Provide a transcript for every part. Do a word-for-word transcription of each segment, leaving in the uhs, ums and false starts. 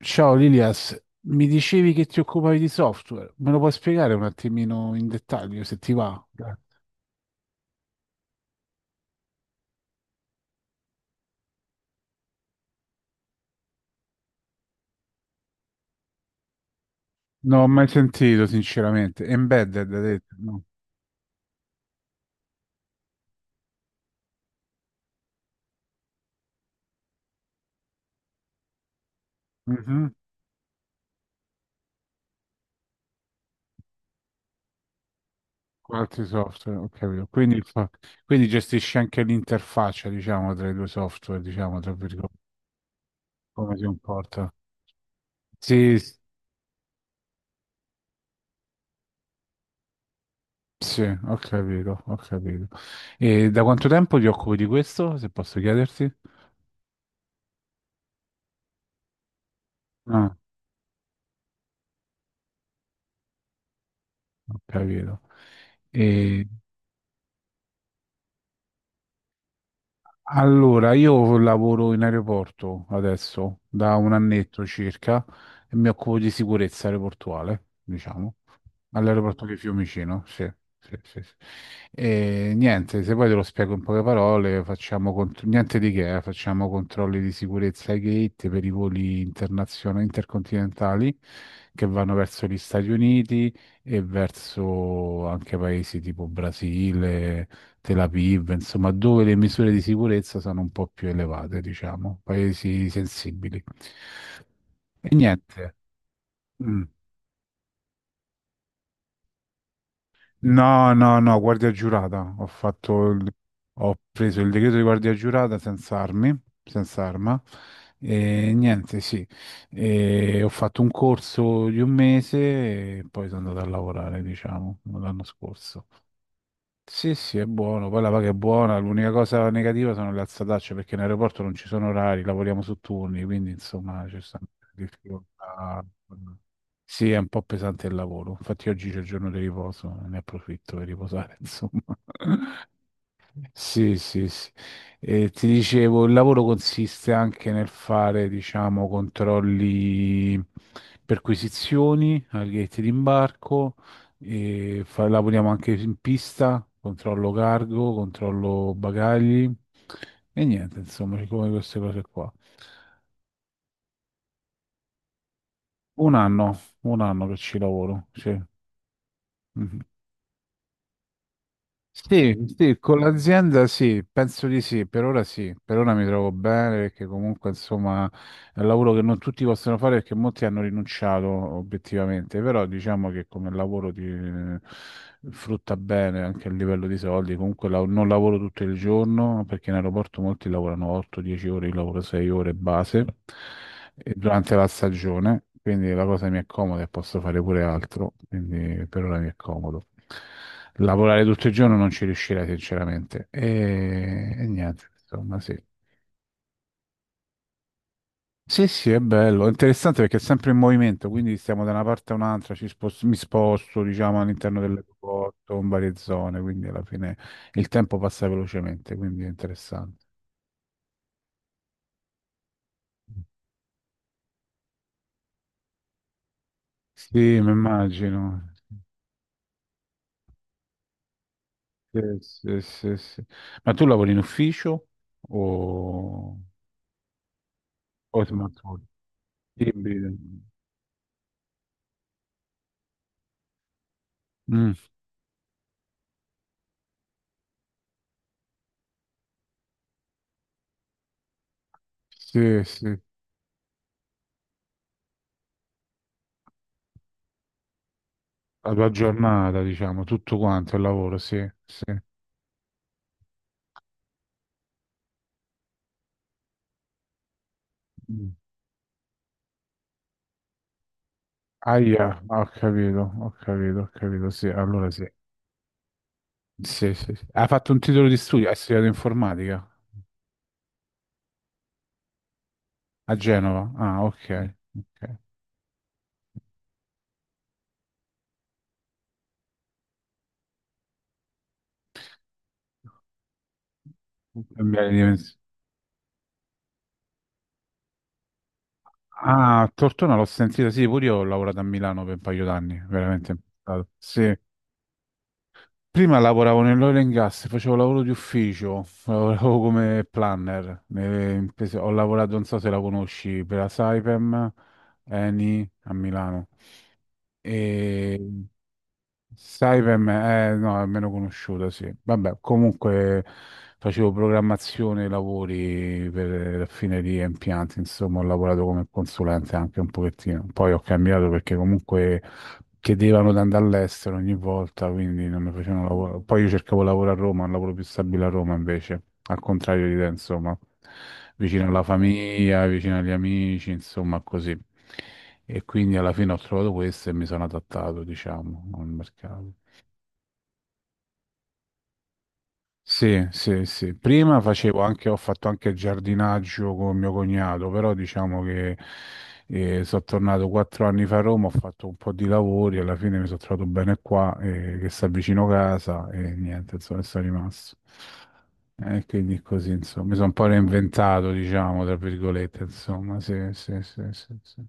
Ciao Lilias, mi dicevi che ti occupavi di software, me lo puoi spiegare un attimino in dettaglio se ti va? Non ho mai sentito, sinceramente. Embedded, hai detto, no? Mhm. Con altri software, ho capito. Quindi, fa- quindi gestisci anche l'interfaccia, diciamo, tra i due software, diciamo, tra virgolette, come si comporta. Sì, s- sì, ho capito, ho capito. E da quanto tempo ti occupi di questo, se posso chiederti? Ah, ho capito. Allora, io lavoro in aeroporto adesso da un annetto circa e mi occupo di sicurezza aeroportuale, diciamo, all'aeroporto di Fiumicino, sì. Sì, sì, sì. E niente, se poi te lo spiego in poche parole, facciamo contro- niente di che, eh, facciamo controlli di sicurezza ai gate per i voli internazionali intercontinentali che vanno verso gli Stati Uniti e verso anche paesi tipo Brasile, Tel Aviv, insomma, dove le misure di sicurezza sono un po' più elevate, diciamo, paesi sensibili. E niente. Mm. No, no, no, guardia giurata. Ho fatto il- ho preso il decreto di guardia giurata senza armi, senza arma. E niente, sì. E ho fatto un corso di un mese e poi sono andato a lavorare, diciamo, l'anno scorso. Sì, sì, è buono, poi la paga è buona, l'unica cosa negativa sono le alzatacce perché in aeroporto non ci sono orari, lavoriamo su turni, quindi insomma c'è stanno difficoltà. Sì, è un po' pesante il lavoro, infatti oggi c'è il giorno di riposo, ne approfitto per riposare, insomma. Sì, sì, sì. Eh, ti dicevo, il lavoro consiste anche nel fare, diciamo, controlli perquisizioni al gate d'imbarco, e fa- lavoriamo anche in pista, controllo cargo, controllo bagagli e niente, insomma, come queste cose qua. Un anno, un anno che ci lavoro, sì. Mhm. Sì, sì, con l'azienda sì, penso di sì, per ora sì, per ora mi trovo bene perché comunque insomma è un lavoro che non tutti possono fare perché molti hanno rinunciato obiettivamente, però diciamo che come lavoro ti eh, frutta bene anche a livello di soldi. Comunque la- non lavoro tutto il giorno perché in aeroporto molti lavorano otto dieci ore, io lavoro sei ore base e durante la stagione, quindi la cosa mi è comoda e posso fare pure altro, quindi per ora mi è comodo. Lavorare tutto il giorno non ci riuscirei sinceramente. E, e niente, insomma, sì. Sì, sì, è bello, è interessante perché è sempre in movimento, quindi stiamo da una parte a un'altra, ci spos- mi sposto, diciamo, all'interno dell'aeroporto, in varie zone, quindi alla fine il tempo passa velocemente, quindi è interessante. Sì, mi immagino. Sì, sì, sì, sì. Ma tu lavori in ufficio o, o smart working? Ibrido. Mm, sì, sì, la tua giornata, diciamo, tutto quanto il lavoro, sì, sì. Mm. Aia, ho capito, ho capito, ho capito, sì, allora sì. Sì, sì, sì. Ha fatto un titolo di studio, ha studiato informatica a Genova. Ah, ok, ok. Cambiare dimensione. Ah, Tortona l'ho sentita, sì, pure io ho lavorato a Milano per un paio d'anni, veramente. Impegnato. Sì. Prima lavoravo nell'oil and gas, facevo lavoro di ufficio, lavoravo come planner. nelle imprese- Ho lavorato, non so se la conosci, per la Saipem, Eni a Milano. E sai per me, eh, no, è meno conosciuta, sì. Vabbè, comunque facevo programmazione lavori per raffinerie e impianti, insomma, ho lavorato come consulente anche un pochettino. Poi ho cambiato perché comunque chiedevano di andare all'estero ogni volta, quindi non mi facevano lavoro. Poi io cercavo lavoro a Roma, un lavoro più stabile a Roma invece, al contrario di te, insomma, vicino alla famiglia, vicino agli amici, insomma, così. E quindi alla fine ho trovato questo e mi sono adattato, diciamo, al mercato. Sì, sì, sì. Prima facevo anche, ho fatto anche il giardinaggio con mio cognato, però diciamo che eh, sono tornato quattro anni fa a Roma, ho fatto un po' di lavori, alla fine mi sono trovato bene qua, eh, che sta vicino casa e niente, insomma, sono rimasto. E quindi così, insomma, mi sono un po' reinventato, diciamo, tra virgolette, insomma, sì, sì, sì, sì, sì.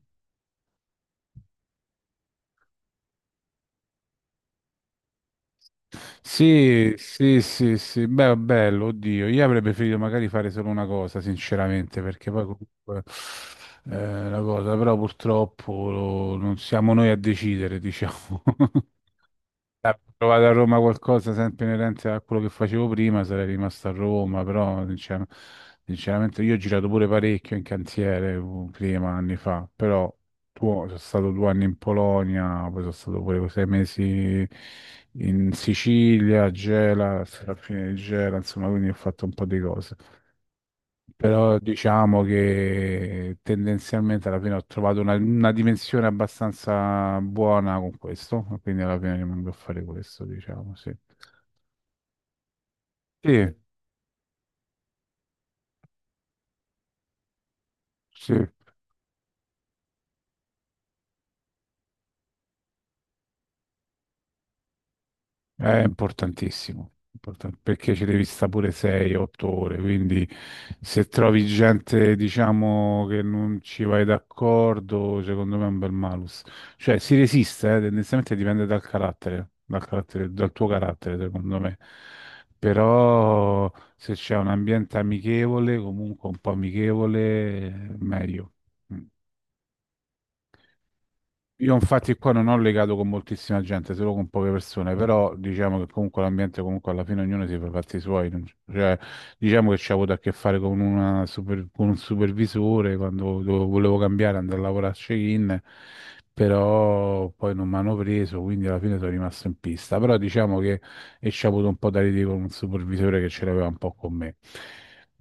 Sì, sì, sì, sì, beh, bello, oddio, io avrei preferito magari fare solo una cosa, sinceramente, perché poi comunque eh, la cosa, però purtroppo lo- non siamo noi a decidere, diciamo. Eh, Provate a Roma qualcosa sempre inerente a quello che facevo prima, sarei rimasto a Roma, però sincer- sinceramente io ho girato pure parecchio in cantiere uh, prima, anni fa, però tu- sono stato due anni in Polonia, poi sono stato pure sei mesi in Sicilia, a Gela, alla fine di Gela, insomma, quindi ho fatto un po' di cose però diciamo che tendenzialmente alla fine ho trovato una, una dimensione abbastanza buona con questo, quindi alla fine rimango a fare questo, diciamo, sì. Sì, sì. È importantissimo, important- perché ci devi stare pure sei otto ore, quindi se trovi gente, diciamo, che non ci vai d'accordo, secondo me è un bel malus. Cioè, si resiste, eh, tendenzialmente dipende dal carattere, dal carattere- dal tuo carattere, secondo me. Però se c'è un ambiente amichevole, comunque un po' amichevole, meglio. Mm. Io infatti qua non ho legato con moltissima gente, solo con poche persone, però diciamo che comunque l'ambiente, comunque alla fine ognuno si fa i fatti suoi, non c- cioè, diciamo che ci ho avuto a che fare con, una super- con un supervisore quando dovevo- volevo cambiare, andare a lavorare a check-in, però poi non mi hanno preso, quindi alla fine sono rimasto in pista, però diciamo che e ci ho avuto un po' da ridere con un supervisore che ce l'aveva un po' con me.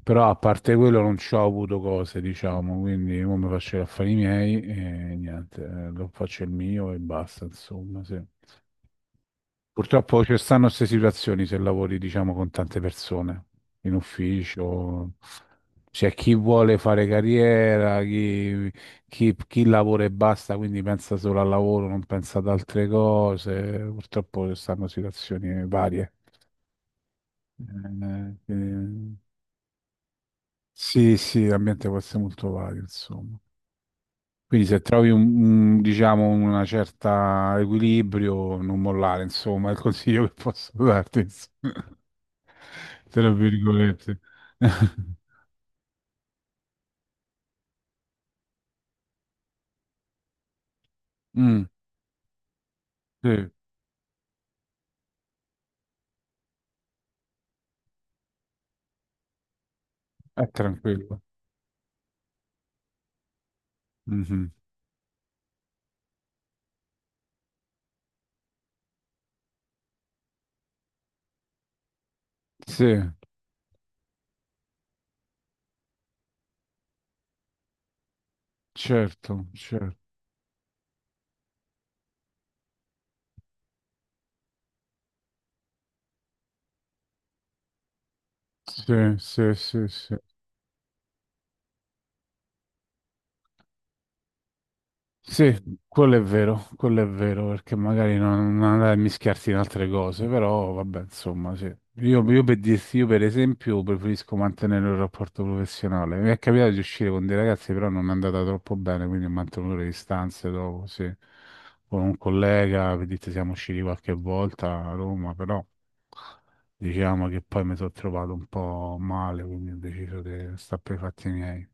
Però a parte quello non ci ho avuto cose, diciamo, quindi io mi faccio gli affari miei e niente, eh, lo faccio il mio e basta, insomma, sì. Purtroppo ci stanno queste situazioni se lavori, diciamo, con tante persone in ufficio. C'è chi vuole fare carriera, chi, chi- chi lavora e basta, quindi pensa solo al lavoro, non pensa ad altre cose. Purtroppo ci stanno situazioni varie. Eh, eh, sì, sì, l'ambiente può essere molto vario, insomma. Quindi se trovi un, un- diciamo, una certa equilibrio, non mollare, insomma, è il consiglio che posso darti, insomma. Tra virgolette. Mm, sì, è tranquillo. Mhm. Sì, certo, certo. Sì, sì, sì, sì. Sì, quello è vero, quello è vero, perché magari non, non andare a mischiarsi in altre cose, però vabbè, insomma, sì. Io, io per dirti, io per esempio preferisco mantenere un rapporto professionale. Mi è capitato di uscire con dei ragazzi, però non è andata troppo bene, quindi ho mantenuto le distanze dopo, sì. Con un collega, per dirti, siamo usciti qualche volta a Roma, però... Diciamo che poi mi sono trovato un po' male, quindi ho deciso di stare per i fatti miei.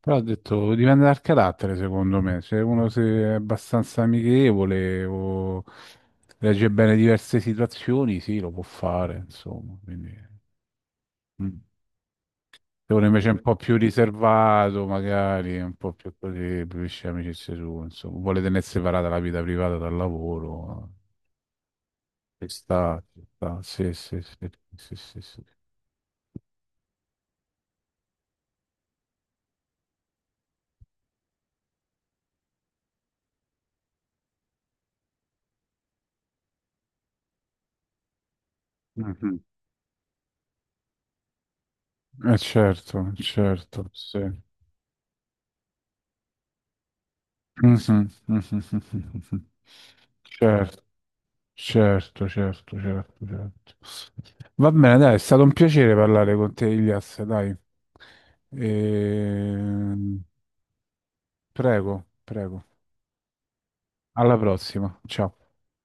Però ho detto, dipende dal carattere, secondo me. Se uno se è abbastanza amichevole o legge bene diverse situazioni, sì, lo può fare, insomma. Quindi, mm. Se uno invece è un po' più riservato, magari, è un po' più così, preferisce amicizie sue, insomma, vuole tenersi separata la vita privata dal lavoro, ci sta, ci sta. Sì, sì, sì, sì, sì, sì. Mhm. Eh, certo, certo, sì. Mhm, mhm, mhm, mhm. Certo. Certo, certo, certo, certo. Va bene, dai, è stato un piacere parlare con te, Ilias, dai. Ehm, Prego, prego. Alla prossima. Ciao.